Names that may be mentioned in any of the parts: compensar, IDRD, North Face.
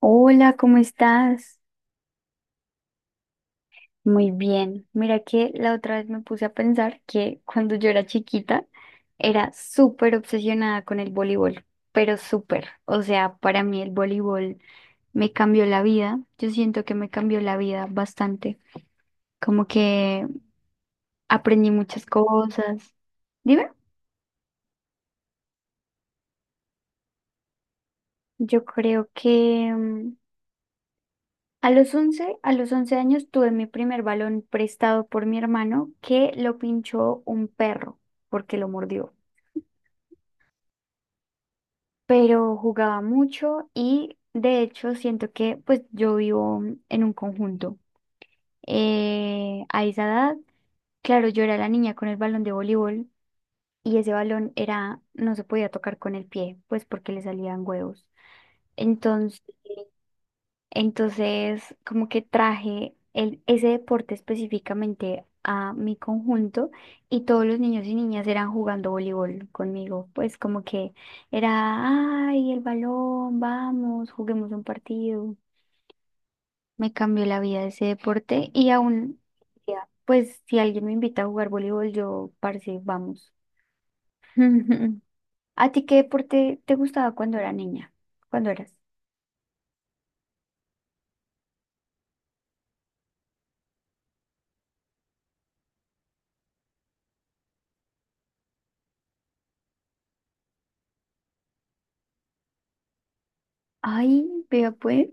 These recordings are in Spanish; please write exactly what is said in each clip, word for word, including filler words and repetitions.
Hola, ¿cómo estás? Muy bien. Mira que la otra vez me puse a pensar que cuando yo era chiquita era súper obsesionada con el voleibol, pero súper. O sea, para mí el voleibol me cambió la vida. Yo siento que me cambió la vida bastante. Como que aprendí muchas cosas. Dime, yo creo que mm, a los once, a los once años tuve mi primer balón prestado por mi hermano que lo pinchó un perro porque lo mordió. Pero jugaba mucho y de hecho siento que pues yo vivo en un conjunto. Eh, a esa edad, claro, yo era la niña con el balón de voleibol y ese balón era, no se podía tocar con el pie, pues porque le salían huevos. Entonces. Entonces, como que traje el, ese deporte específicamente a mi conjunto y todos los niños y niñas eran jugando voleibol conmigo. Pues como que era, ay, el balón, vamos, juguemos un partido. Me cambió la vida ese deporte y aún, ya, pues si alguien me invita a jugar voleibol, yo, parce, vamos. ¿A ti qué deporte te gustaba cuando era niña? ¿Cuando eras? Ay, vea pues,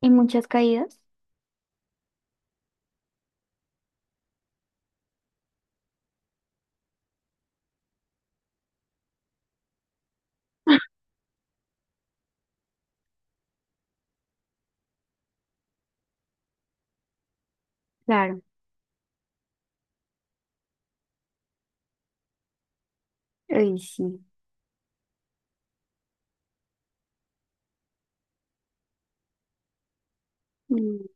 y muchas caídas. Claro. Ay, sí. Mm,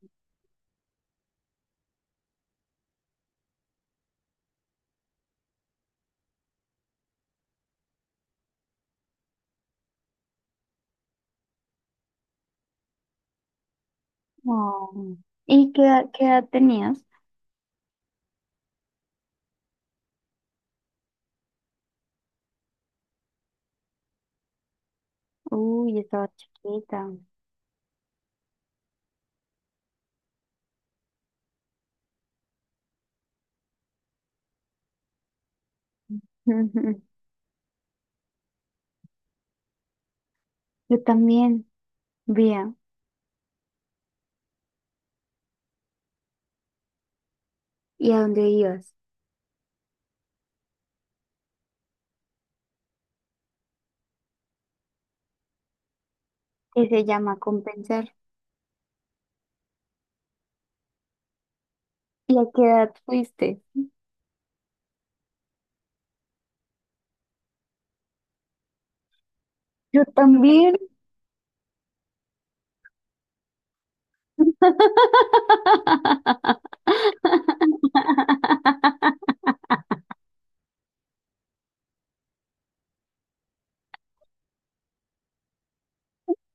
oh. ¿Y qué, edad- qué edad tenías? Uy, yo estaba chiquita. Ujú. Yo también, vea. ¿Y a dónde ibas? Que se llama compensar. ¿Y a qué edad fuiste? Yo también.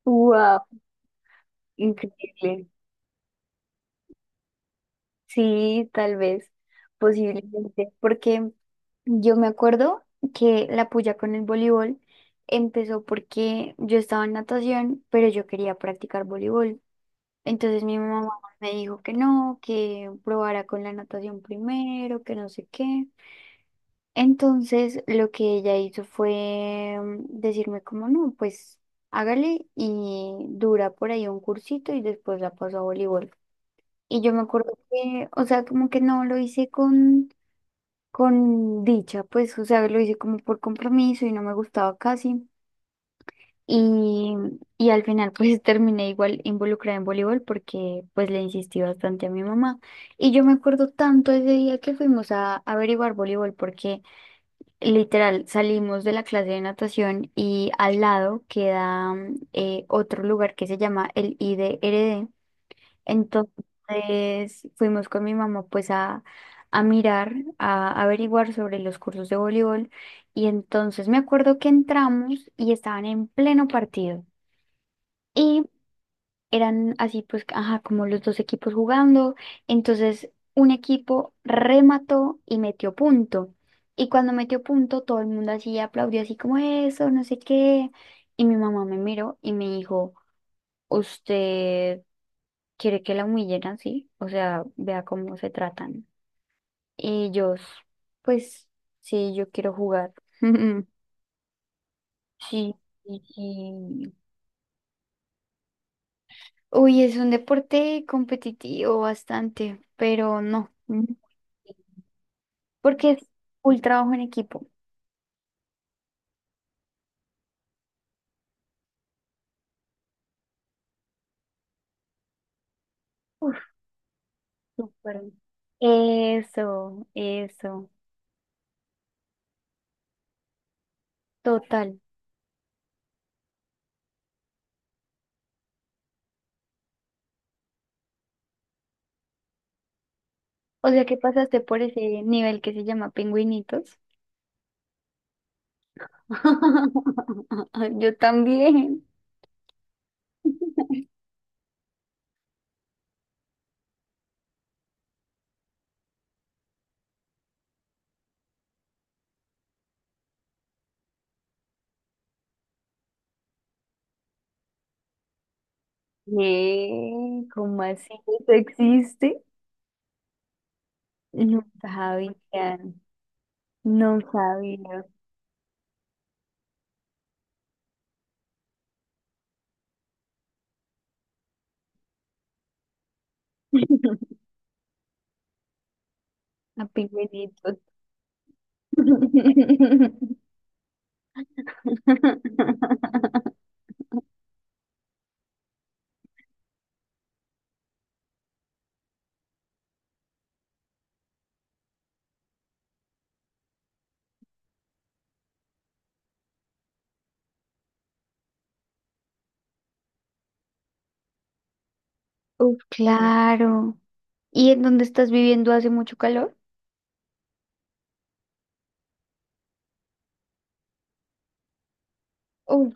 Wow, increíble. Sí, tal vez, posiblemente, porque yo me acuerdo que la puya con el voleibol empezó porque yo estaba en natación, pero yo quería practicar voleibol. Entonces mi mamá me dijo que no, que probara con la natación primero, que no sé qué. Entonces lo que ella hizo fue mm, decirme como no, pues hágale y dura por ahí un cursito y después la paso a voleibol. Y yo me acuerdo que, o sea, como que no lo hice con con dicha, pues, o sea, lo hice como por compromiso y no me gustaba casi. Y, y al final, pues, terminé igual involucrada en voleibol porque, pues, le insistí bastante a mi mamá. Y yo me acuerdo tanto ese día que fuimos a averiguar voleibol porque, literal, salimos de la clase de natación y al lado queda mm, eh, otro lugar que se llama el I D R D. Entonces fuimos con mi mamá pues a, a mirar, a averiguar sobre los cursos de voleibol y entonces me acuerdo que entramos y estaban en pleno partido y eran así pues, ajá, como los dos equipos jugando. Entonces un equipo remató y metió punto. Y cuando metió punto todo el mundo así aplaudió así como eso, no sé qué. Y mi mamá me miró y me dijo, ¿usted quiere que la humillen así? O sea, vea cómo se tratan. Y ellos, pues, sí, yo quiero jugar. Sí, y, y- uy, es un deporte competitivo bastante, pero no, mm, porque es un trabajo en equipo. Uf, súper. Eso, eso, total. O sea que pasaste por ese nivel que se llama pingüinitos. Yo también. ¿Qué? ¿Cómo así? ¿Eso existe? No sabía, no sabía. A pingüinitos. Uf, claro. ¿Y en dónde estás viviendo hace mucho calor? Uf,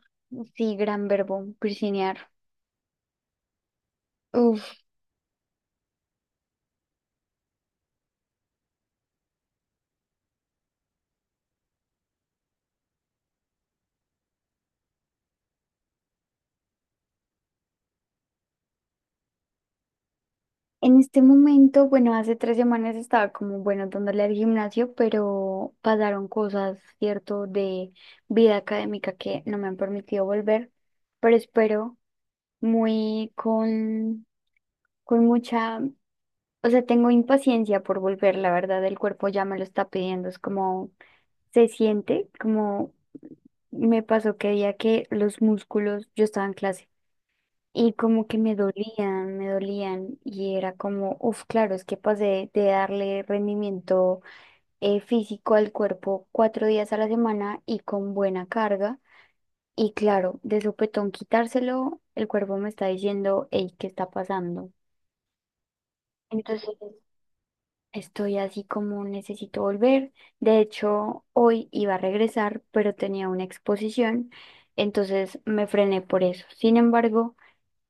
sí, gran verbo, piscinear. Uf, en este momento, bueno, hace tres semanas estaba como, bueno, dándole al gimnasio, pero pasaron cosas, ¿cierto?, de vida académica que no me han permitido volver, pero espero muy con, con mucha, o sea, tengo impaciencia por volver, la verdad, el cuerpo ya me lo está pidiendo, es como, se siente, como me pasó que día que los músculos, yo estaba en clase y como que me dolían, me dolían y era como, uff, claro, es que pasé de darle rendimiento eh, físico al cuerpo cuatro días a la semana y con buena carga. Y claro, de sopetón quitárselo, el cuerpo me está diciendo, hey, ¿qué está pasando? Entonces estoy así como necesito volver. De hecho, hoy iba a regresar, pero tenía una exposición, entonces me frené por eso. Sin embargo...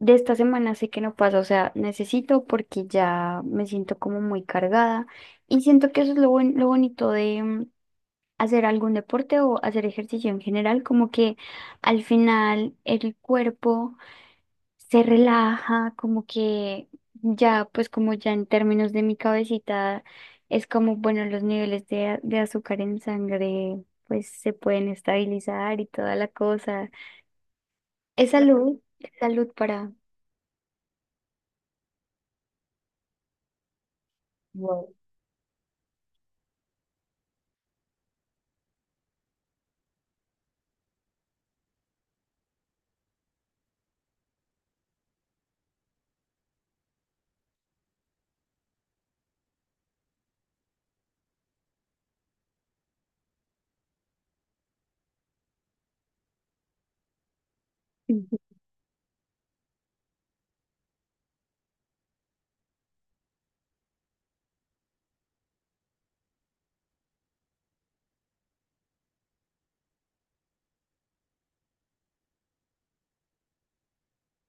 de esta semana sé que no pasa, o sea, necesito porque ya me siento como muy cargada y siento que eso es lo, buen- lo bonito de mm, hacer algún deporte o hacer ejercicio en general, como que al final el cuerpo se relaja, como que ya, pues como ya en términos de mi cabecita, es como, bueno, los niveles de, a- de azúcar en sangre pues se pueden estabilizar y toda la cosa. Es salud, es salud para... Wow.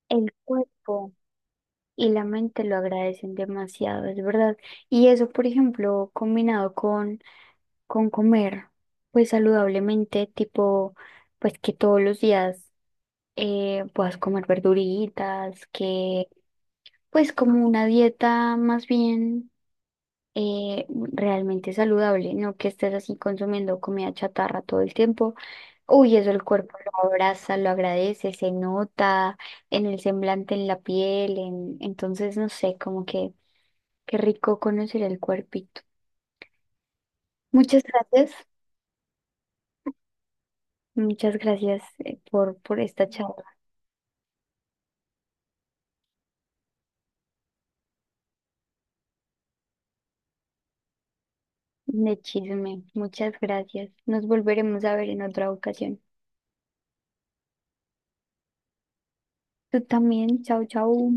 El cuerpo y la mente lo agradecen demasiado, es verdad. Y eso, por ejemplo, combinado con, con comer, pues saludablemente, tipo, pues que todos los días eh, puedas comer verduritas, que pues como una dieta más bien eh, realmente saludable, no que estés así consumiendo comida chatarra todo el tiempo. Uy, eso el cuerpo lo abraza, lo agradece, se nota en el semblante, en la piel, en... entonces no sé, como que qué rico conocer el cuerpito. Muchas gracias, muchas gracias eh, por, por esta charla de chisme, muchas gracias. Nos volveremos a ver en otra ocasión. Tú también, chao, chao.